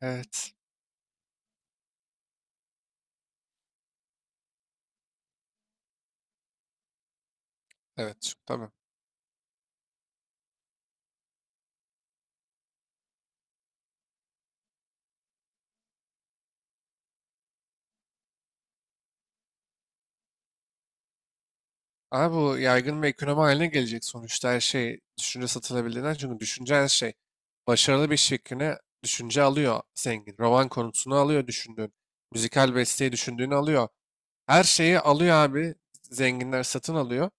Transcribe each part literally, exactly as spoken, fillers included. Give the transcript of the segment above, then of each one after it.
Evet. Evet. çünkü Ama bu yaygın bir ekonomi haline gelecek sonuçta her şey düşünce satılabildiğinden. Çünkü düşünce her şey. Başarılı bir iş fikrini düşünce alıyor zengin. Roman konusunu alıyor düşündüğün. Müzikal besteyi düşündüğünü alıyor. Her şeyi alıyor abi. Zenginler satın alıyor.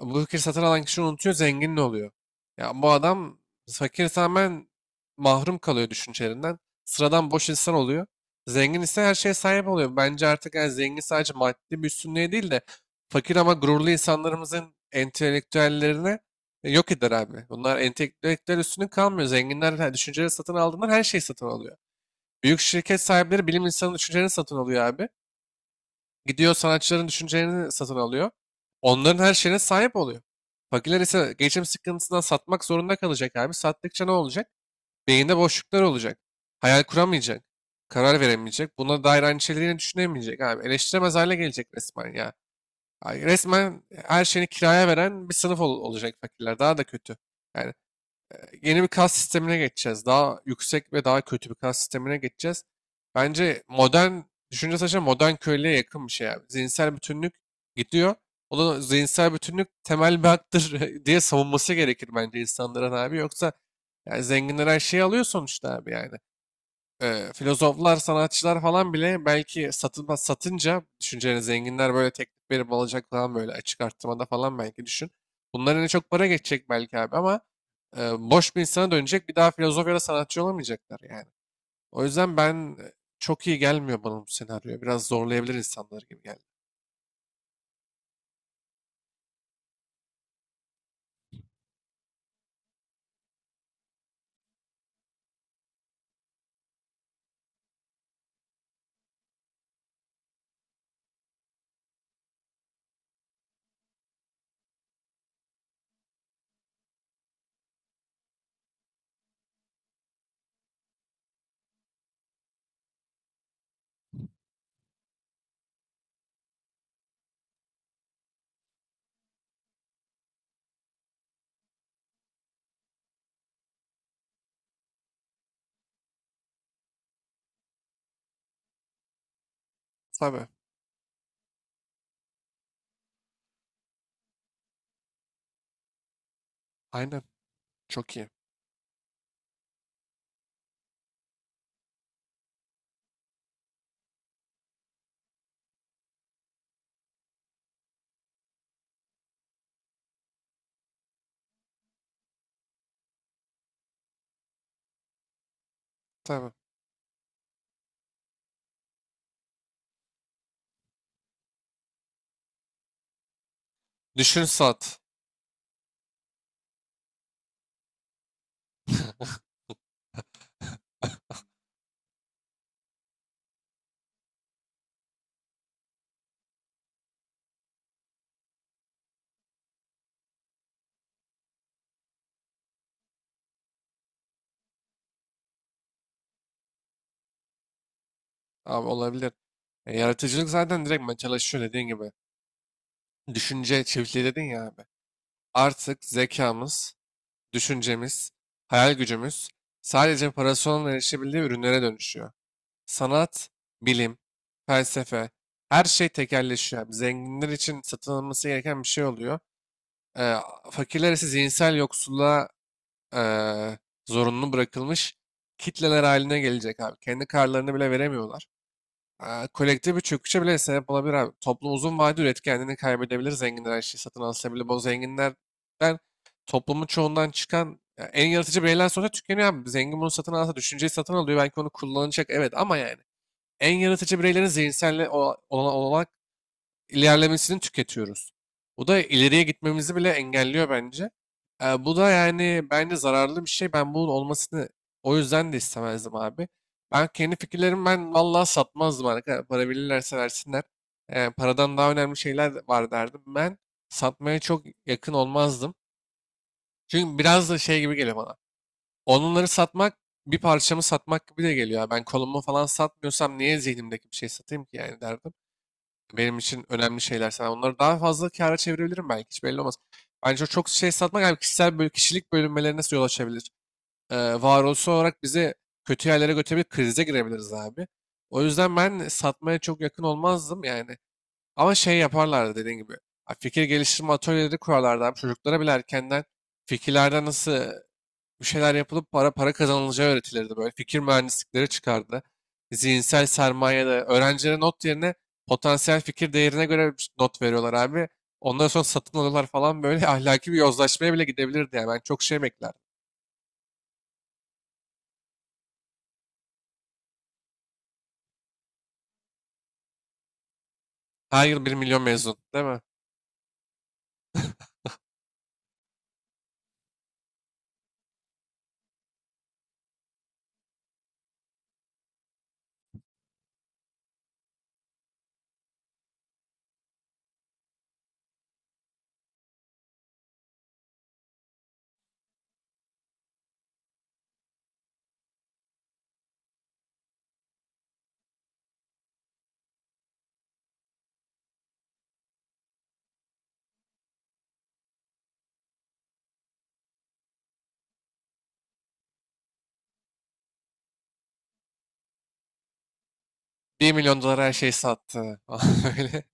Bu fikri satın alan kişi unutuyor, zengin de oluyor. Ya bu adam fakir tamamen mahrum kalıyor düşüncelerinden. Sıradan boş insan oluyor. Zengin ise her şeye sahip oluyor. Bence artık yani zengin sadece maddi bir üstünlüğe değil de fakir ama gururlu insanlarımızın entelektüellerini yok eder abi. Bunlar entelektüel üstünlük kalmıyor. Zenginler her- düşünceleri satın aldığından her şeyi satın alıyor. Büyük şirket sahipleri bilim insanı düşüncelerini satın alıyor abi. Gidiyor sanatçıların düşüncelerini satın alıyor. Onların her şeyine sahip oluyor. Fakirler ise geçim sıkıntısından satmak zorunda kalacak abi. Sattıkça ne olacak? Beyinde boşluklar olacak. Hayal kuramayacak. Karar veremeyecek. Buna dair aynı şeyleri yine düşünemeyecek abi. Eleştiremez hale gelecek resmen ya. Ay, resmen her şeyini kiraya veren bir sınıf ol- olacak fakirler. Daha da kötü. Yani yeni bir kas sistemine geçeceğiz. Daha yüksek ve daha kötü bir kas sistemine geçeceğiz. Bence modern düşünce saçma modern köylüye yakın bir şey abi. Zihinsel bütünlük gidiyor. O da zihinsel bütünlük temel bir haktır diye savunması gerekir bence insanların abi. Yoksa yani zenginler her şeyi alıyor sonuçta abi yani e, filozoflar, sanatçılar falan bile belki satılmaz satınca düşüncelerini zenginler böyle teklif verip alacak falan böyle açık arttırmada falan belki düşün. Bunların en çok para geçecek belki abi ama e, boş bir insana dönecek bir daha filozof ya da sanatçı olamayacaklar yani. O yüzden ben e, çok iyi gelmiyor bana bu senaryo. Biraz zorlayabilir insanları gibi geldi. Tabii. Aynen. Çok iyi. Tabii. Düşün sat. Abi olabilir. E, yaratıcılık zaten direkt ben çalışıyor dediğin gibi. Düşünce çiftliği dedin ya abi. Artık zekamız, düşüncemiz, hayal gücümüz sadece parasının erişebildiği ürünlere dönüşüyor. Sanat, bilim, felsefe, her şey tekelleşiyor. abi. Zenginler için satın alınması gereken bir şey oluyor. Eee Fakirler ise zihinsel yoksulluğa eee zorunlu bırakılmış kitleler haline gelecek abi. Kendi karlarını bile veremiyorlar. Eee, kolektif bir çöküşe bile sebep olabilir abi. Toplum uzun vadede üretkenliğini kaybedebilir. Zenginler her şeyi satın alsa bile bu zenginlerden toplumun çoğundan çıkan ya, en yaratıcı bireyler sonra tükeniyor abi. Zengin bunu satın alsa düşünceyi satın alıyor. Belki onu kullanacak evet ama yani en yaratıcı bireylerin zihinsel olan, ilerlemesini tüketiyoruz. Bu da ileriye gitmemizi bile engelliyor bence. Eee, bu da yani bence zararlı bir şey. Ben bunun olmasını o yüzden de istemezdim abi. Ben kendi fikirlerimi ben vallahi satmazdım arkadaşlar. Para verirlerse versinler. Eee, paradan daha önemli şeyler var derdim. Ben satmaya çok yakın olmazdım. Çünkü biraz da şey gibi geliyor bana. Onları satmak bir parçamı satmak gibi de geliyor. Ben kolumu falan satmıyorsam niye zihnimdeki bir şey satayım ki yani derdim benim için önemli şeyler. Sen onları daha fazla kâra çevirebilirim belki. Hiç belli olmaz. Bence o çok şey satmak yani kişisel böl kişilik bölünmelerine yol açabilir. Ee, Varoluşsal olarak bizi kötü yerlere götürebilir. Krize girebiliriz abi. O yüzden ben satmaya çok yakın olmazdım yani. Ama şey yaparlardı dediğin gibi. Ha, fikir geliştirme atölyeleri kurarlardı abi. Çocuklara bile erkenden fikirlerden nasıl bir şeyler yapılıp para para kazanılacağı öğretilirdi böyle. Fikir mühendislikleri çıkardı. Zihinsel sermaye de öğrencilere not yerine potansiyel fikir değerine göre not veriyorlar abi. Ondan sonra satın alıyorlar falan böyle ahlaki bir yozlaşmaya bile gidebilirdi yani. Ben çok şey beklerdim. Her yıl bir milyon mezun değil mi? Bir milyon dolara her şeyi sattı falan böyle.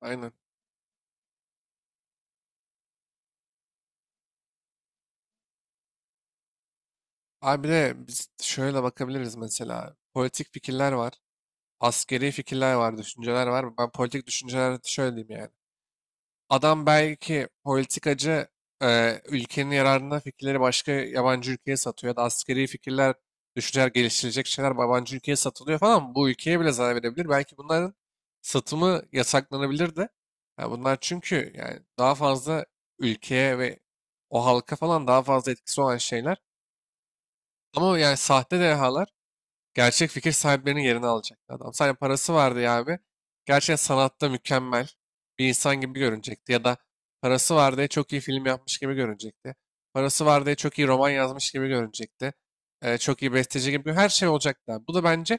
Aynen. Abi bir de biz şöyle bakabiliriz mesela. Politik fikirler var. Askeri fikirler var, düşünceler var. Ben politik düşünceler şöyle diyeyim yani. Adam belki politikacı e, ülkenin yararına fikirleri başka yabancı ülkeye satıyor ya da askeri fikirler, düşünceler, geliştirecek şeyler yabancı ülkeye satılıyor falan. Bu ülkeye bile zarar verebilir. Belki bunların satımı yasaklanabilir de. Ya bunlar çünkü yani daha fazla ülkeye ve o halka falan daha fazla etkisi olan şeyler. Ama yani sahte dehalar gerçek fikir sahiplerinin yerini alacaktı adam. Sadece parası vardı ya abi. Gerçekten sanatta mükemmel bir insan gibi görünecekti. Ya da parası var diye çok iyi film yapmış gibi görünecekti. Parası var diye çok iyi roman yazmış gibi görünecekti. Ee, çok iyi besteci gibi. Her şey olacaktı abi. Bu da bence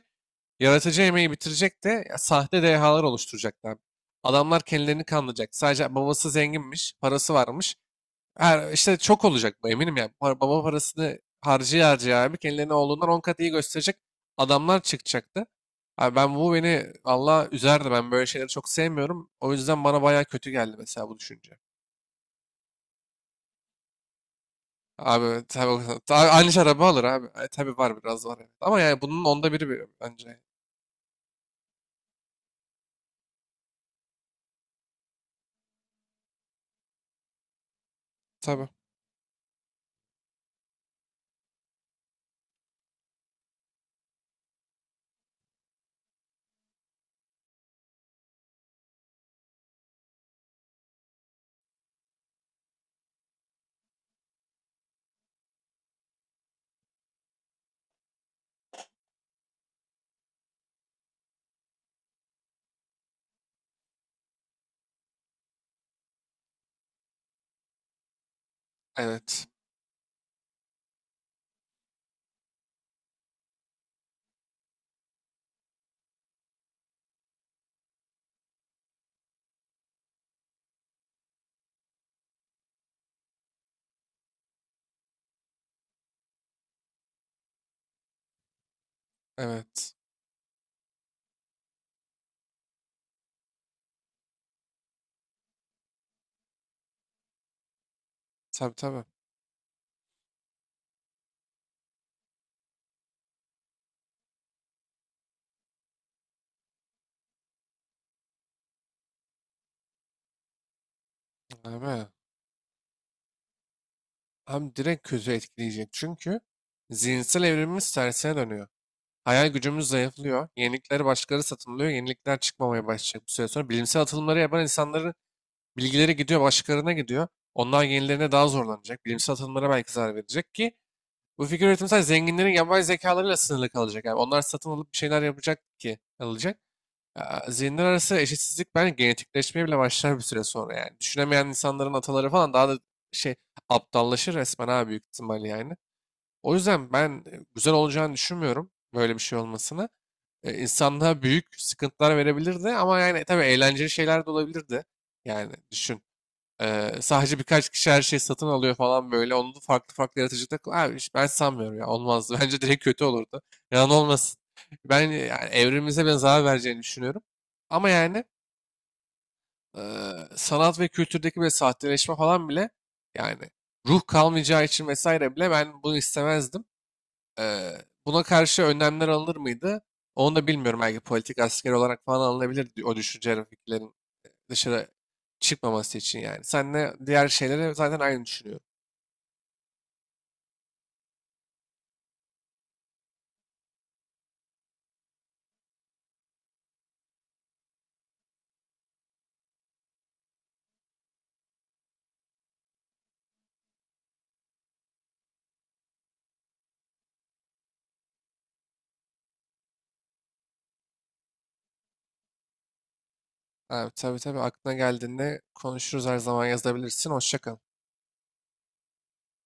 yaratıcı emeği bitirecekti. Ya, sahte dehalar oluşturacaktı abi. Adamlar kendilerini kandıracak. Sadece babası zenginmiş, parası varmış her işte çok olacak bu eminim ya. Par- Baba parasını harcıya harcıya abi kendilerine oğlundan on kat iyi gösterecek adamlar çıkacaktı. Abi ben bu beni Allah üzerdi. Ben böyle şeyleri çok sevmiyorum. O yüzden bana bayağı kötü geldi mesela bu düşünce. Abi tabii o- tabii aynı şey araba alır abi. E, tabii var biraz var. evet. Ama yani bunun onda biri bir- bence. Tabii. Evet. Evet. Tabii tabii. Abi, hem direkt kötü etkileyecek. Çünkü zihinsel evrimimiz tersine dönüyor. Hayal gücümüz zayıflıyor. Yenilikleri başkaları satın alıyor. Yenilikler çıkmamaya başlayacak bir süre sonra. Bilimsel atılımları yapan insanların bilgileri gidiyor, başkalarına gidiyor. Onlar yenilerine daha zorlanacak. Bilimsel atılımlara belki zarar verecek ki bu fikir üretimi sadece zenginlerin yapay zekalarıyla sınırlı kalacak. Yani onlar satın alıp bir şeyler yapacak ki alacak. Aa, zihinler arası eşitsizlik bence genetikleşmeye bile başlar bir süre sonra yani. Düşünemeyen insanların ataları falan daha da şey aptallaşır resmen ha büyük ihtimal yani. O yüzden ben e, güzel olacağını düşünmüyorum böyle bir şey olmasını e, insanlığa büyük sıkıntılar verebilirdi ama yani tabii eğlenceli şeyler de olabilirdi. Yani düşün. E, sadece birkaç kişi her şeyi satın alıyor falan böyle. Onu da farklı farklı yaratıcılıkla... Abi işte ben sanmıyorum ya olmazdı. Bence direkt kötü olurdu. Yalan olmasın. Ben yani evrimimize ben zarar vereceğini düşünüyorum. Ama yani e, sanat ve kültürdeki böyle sahteleşme falan bile yani ruh kalmayacağı için vesaire bile ben bunu istemezdim. Eee, buna karşı önlemler alınır mıydı? Onu da bilmiyorum. Belki politik asker olarak falan alınabilir di- o düşünce fikirlerin dışarı çıkmaması için yani. Senle diğer şeylere zaten aynı düşünüyorum. Abi, tabii tabii aklına geldiğinde konuşuruz her zaman yazabilirsin. Hoşça kal.